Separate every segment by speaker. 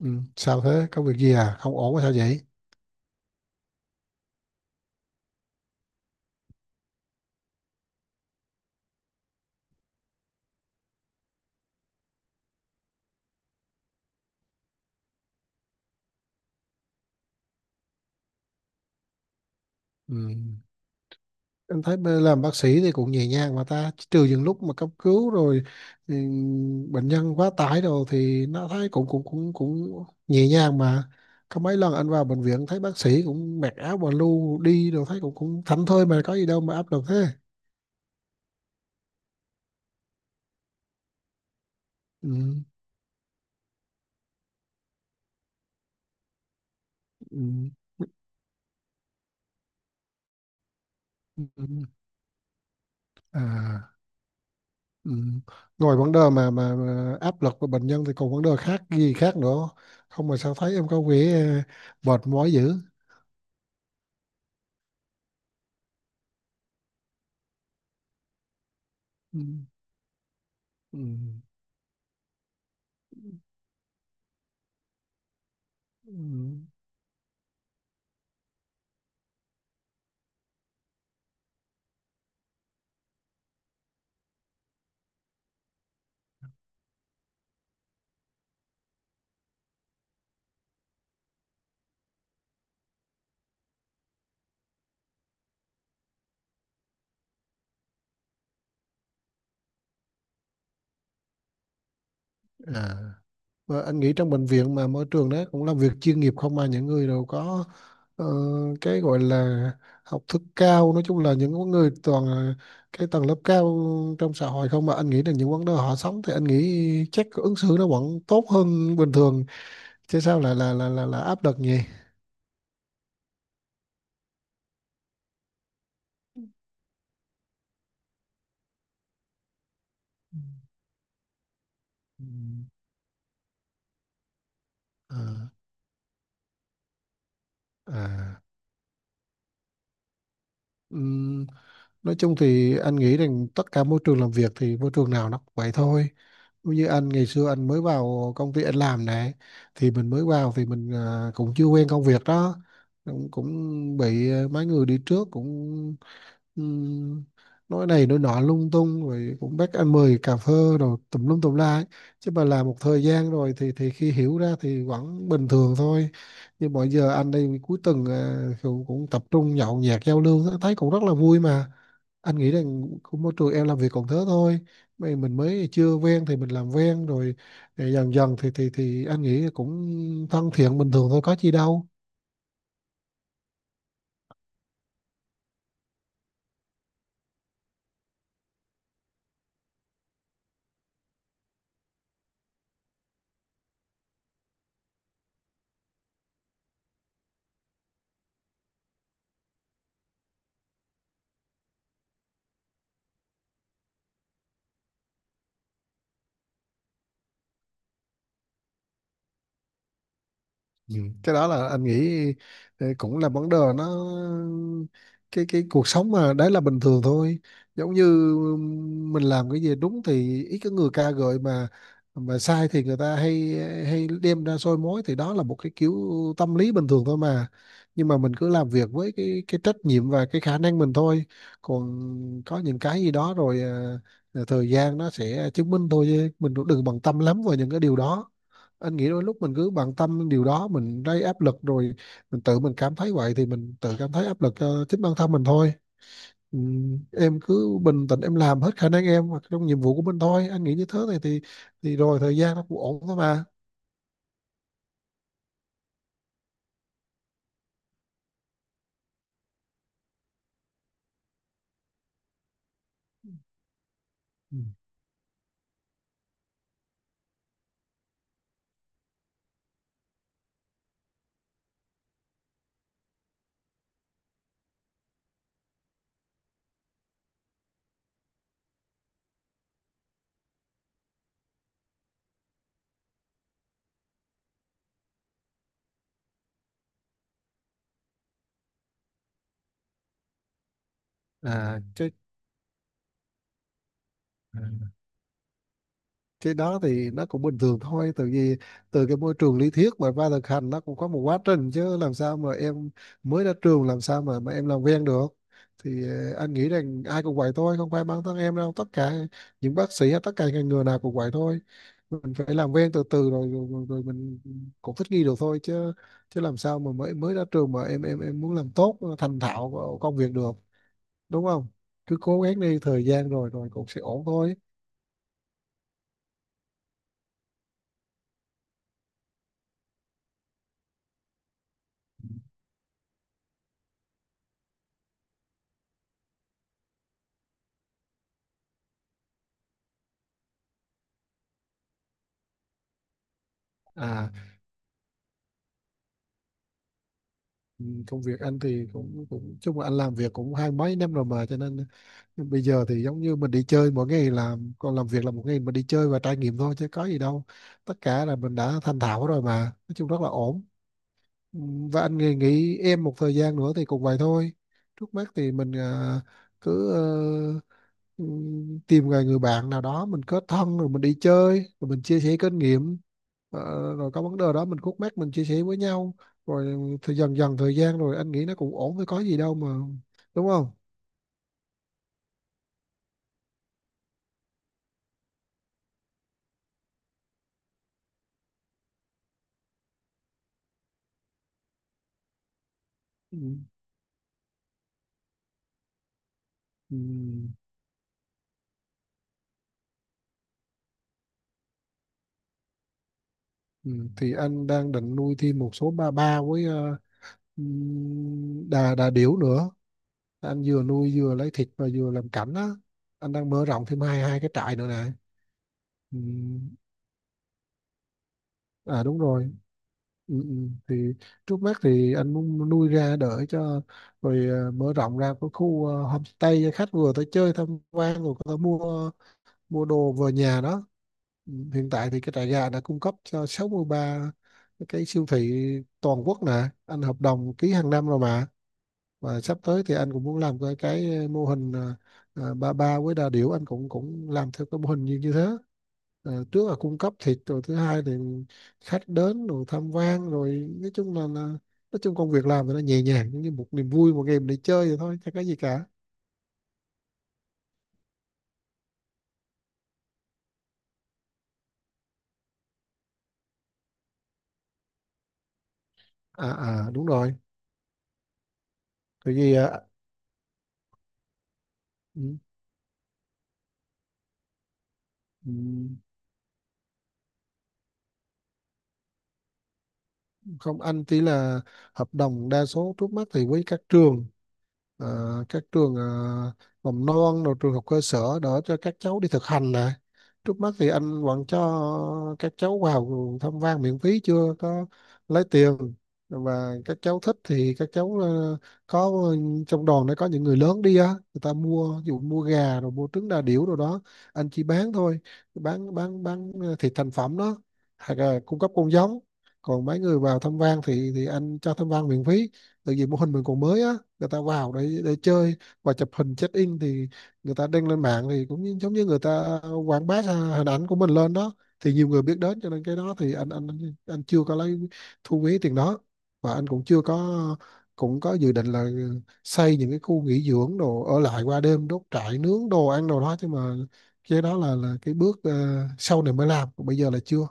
Speaker 1: Ừ, sao thế? Có việc gì à? Không ổn sao vậy? Ừ. Anh thấy làm bác sĩ thì cũng nhẹ nhàng mà ta, trừ những lúc mà cấp cứu rồi, ừ, bệnh nhân quá tải rồi thì nó thấy cũng cũng cũng cũng nhẹ nhàng mà. Có mấy lần anh vào bệnh viện thấy bác sĩ cũng mặc áo và lu đi rồi thấy cũng cũng thảnh thơi mà, có gì đâu mà áp lực thế. Ừ. Ừ. Ừ. Ừ. À. Ừ. Ngoài vấn đề mà áp lực của bệnh nhân thì còn vấn đề khác gì khác nữa không, mà sao thấy em có vẻ mệt mỏi dữ. Ừ. Ừ. Ừ. À. Và anh nghĩ trong bệnh viện mà môi trường đó cũng làm việc chuyên nghiệp không mà, những người đều có ờ, cái gọi là học thức cao, nói chung là những người toàn là cái tầng lớp cao trong xã hội không, mà anh nghĩ là những vấn đề họ sống thì anh nghĩ chắc ứng xử nó vẫn tốt hơn bình thường, chứ sao lại là áp lực nhỉ? Ừ. À, à, ừm, nói chung thì anh nghĩ rằng tất cả môi trường làm việc thì môi trường nào nó cũng vậy thôi. Như anh ngày xưa anh mới vào công ty anh làm nè, thì mình mới vào thì mình cũng chưa quen công việc đó, cũng bị mấy người đi trước cũng Ừm, nói này nói nọ lung tung, rồi cũng bắt anh mời cà phê rồi tùm lum tùm la ấy. Chứ mà làm một thời gian rồi thì khi hiểu ra thì vẫn bình thường thôi, nhưng mọi giờ anh đây cuối tuần cũng tập trung nhậu nhẹt giao lưu thấy cũng rất là vui mà. Anh nghĩ rằng cũng môi trường em làm việc còn thế thôi. Mình mới chưa quen thì mình làm quen rồi, dần dần thì anh nghĩ cũng thân thiện bình thường thôi, có chi đâu. Ừ. Cái đó là anh nghĩ cũng là vấn đề nó, cái cuộc sống mà, đấy là bình thường thôi, giống như mình làm cái gì đúng thì ít có người ca ngợi, mà sai thì người ta hay hay đem ra soi mói, thì đó là một cái kiểu tâm lý bình thường thôi mà. Nhưng mà mình cứ làm việc với cái trách nhiệm và cái khả năng mình thôi, còn có những cái gì đó rồi thời gian nó sẽ chứng minh thôi, chứ mình cũng đừng bận tâm lắm vào những cái điều đó. Anh nghĩ đôi lúc mình cứ bận tâm điều đó mình gây áp lực rồi, mình tự mình cảm thấy vậy thì mình tự cảm thấy áp lực cho chính bản thân mình thôi. ừ, em cứ bình tĩnh, em làm hết khả năng em hoặc trong nhiệm vụ của mình thôi, anh nghĩ như thế này thì rồi thời gian nó cũng ổn thôi mà. Ừ. À, chứ cái đó thì nó cũng bình thường thôi, từ vì từ cái môi trường lý thuyết mà qua thực hành nó cũng có một quá trình, chứ làm sao mà em mới ra trường làm sao mà em làm quen được. Thì anh nghĩ rằng ai cũng vậy thôi, không phải bản thân em đâu, tất cả những bác sĩ hay tất cả ngành nghề nào cũng vậy thôi. Mình phải làm quen từ từ rồi rồi, rồi, rồi mình cũng thích nghi được thôi, chứ chứ làm sao mà mới mới ra trường mà em muốn làm tốt thành thạo công việc được, đúng không. Cứ cố gắng đi, thời gian rồi rồi cũng sẽ ổn thôi. à Ừ, công việc anh thì cũng cũng chung là anh làm việc cũng hai mấy năm rồi mà, cho nên bây giờ thì giống như mình đi chơi mỗi ngày làm, còn làm việc là một ngày mình đi chơi và trải nghiệm thôi, chứ có gì đâu, tất cả là mình đã thành thạo rồi mà, nói chung rất là ổn. Ừ, và anh nghỉ em một thời gian nữa thì cũng vậy thôi. Trước mắt thì mình cứ tìm người người bạn nào đó mình kết thân, rồi mình đi chơi rồi mình chia sẻ kinh nghiệm. Ờ, Rồi có vấn đề đó mình khúc mắc mình chia sẻ với nhau, rồi thì dần dần thời gian rồi anh nghĩ nó cũng ổn thôi, có gì đâu mà, đúng không. Ừ. Ừ. Ừ. Thì anh đang định nuôi thêm một số ba ba với đà đà điểu nữa. Anh vừa nuôi vừa lấy thịt và vừa làm cảnh á, anh đang mở rộng thêm hai hai cái trại nữa nè. Ừ. À, đúng rồi. Thì trước mắt thì anh muốn nuôi ra đợi cho rồi, mở rộng ra cái khu homestay cho khách vừa tới chơi tham quan, rồi có thể mua mua đồ về nhà đó. Hiện tại thì cái trại gà đã cung cấp cho 63 cái siêu thị toàn quốc nè, anh hợp đồng ký hàng năm rồi mà. Và sắp tới thì anh cũng muốn làm cái mô hình ba ba với đà điểu, anh cũng cũng làm theo cái mô hình như như thế. À, trước là cung cấp thịt, rồi thứ hai thì khách đến rồi tham quan, rồi nói chung là nói chung công việc làm thì nó nhẹ nhàng giống như một niềm vui, một game để chơi vậy thôi chẳng có gì cả. À, đúng rồi. Tại vì ừ, ừ, không, anh chỉ là hợp đồng đa số trước mắt thì với à, các trường mầm non rồi trường học cơ sở, đỡ cho các cháu đi thực hành nè. Trước mắt thì anh vẫn cho các cháu vào tham quan miễn phí, chưa có lấy tiền. Và các cháu thích thì các cháu có trong đoàn, nó có những người lớn đi á, người ta mua, ví dụ mua gà rồi mua trứng đà điểu rồi đó, anh chỉ bán thôi. Bán thịt thành phẩm đó, hoặc là cung cấp con giống. Còn mấy người vào tham quan thì anh cho tham quan miễn phí, tại vì mô hình mình còn mới á, người ta vào để chơi và chụp hình check in, thì người ta đăng lên mạng thì giống như người ta quảng bá ra hình ảnh của mình lên đó, thì nhiều người biết đến, cho nên cái đó thì anh chưa có lấy thu phí tiền đó. Và anh cũng chưa có, cũng có dự định là xây những cái khu nghỉ dưỡng đồ, ở lại qua đêm đốt trại nướng đồ ăn đồ đó, chứ mà cái đó là cái bước sau này mới làm, còn bây giờ là chưa.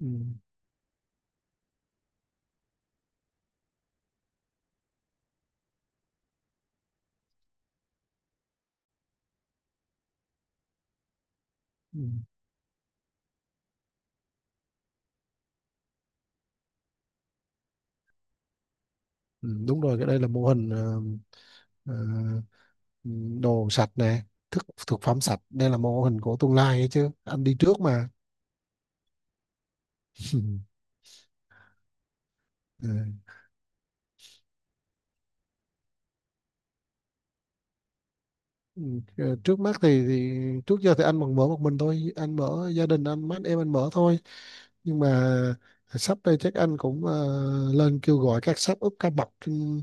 Speaker 1: Ừ. Ừ, Ừ, đúng rồi, cái đây là mô hình ờ, đồ sạch nè, thức thực phẩm sạch, đây là mô hình của tương lai ấy chứ, anh đi trước mà. Ờ, ừ, trước mắt thì, trước giờ thì anh còn mở một mình thôi, anh mở gia đình anh, mấy anh em anh mở thôi. Nhưng mà sắp đây chắc anh cũng lên kêu gọi các sếp úp các bậc trên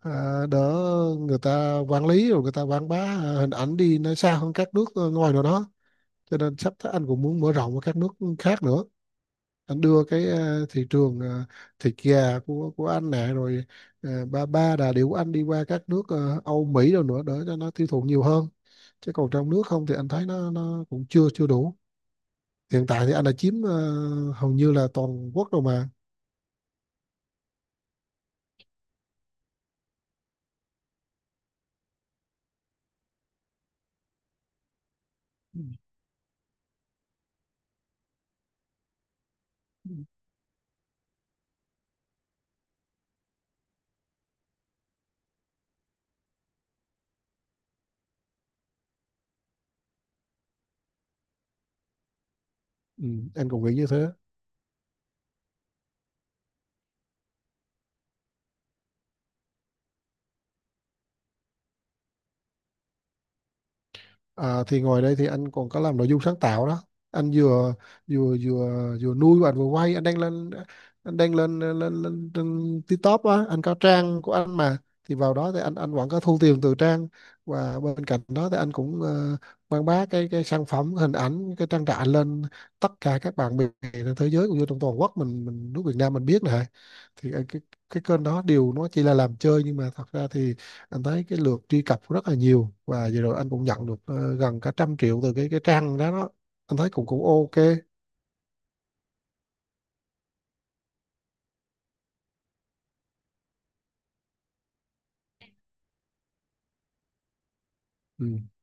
Speaker 1: ờ, đỡ, người ta quản lý rồi người ta quảng bá hình ảnh đi nó xa hơn các nước ngoài nào đó. Cho nên sắp tới anh cũng muốn mở rộng ở các nước khác nữa, anh đưa cái thị trường thịt gà của anh nè, rồi ba ba đà điểu anh đi qua các nước Âu Mỹ rồi nữa, để cho nó tiêu thụ nhiều hơn, chứ còn trong nước không thì anh thấy nó cũng chưa chưa đủ. Hiện tại thì anh đã chiếm hầu như là toàn quốc rồi mà. Ừ. Ừ, anh cũng nghĩ như thế. À, thì ngoài đây thì anh còn có làm nội dung sáng tạo đó. Anh vừa vừa vừa vừa nuôi và anh vừa quay, anh đang lên lên lên, trên TikTok á, anh có trang của anh mà, thì vào đó thì anh vẫn có thu tiền từ trang. Và bên cạnh đó thì anh cũng quảng bá cái sản phẩm hình ảnh cái trang trại lên, tất cả các bạn bè trên thế giới cũng như trong toàn quốc mình nước Việt Nam mình biết này. Thì cái kênh đó điều nó chỉ là làm chơi, nhưng mà thật ra thì anh thấy cái lượt truy cập cũng rất là nhiều, và vừa rồi anh cũng nhận được gần cả trăm triệu từ cái trang đó. Anh thấy cũng cũng ok. Ừ.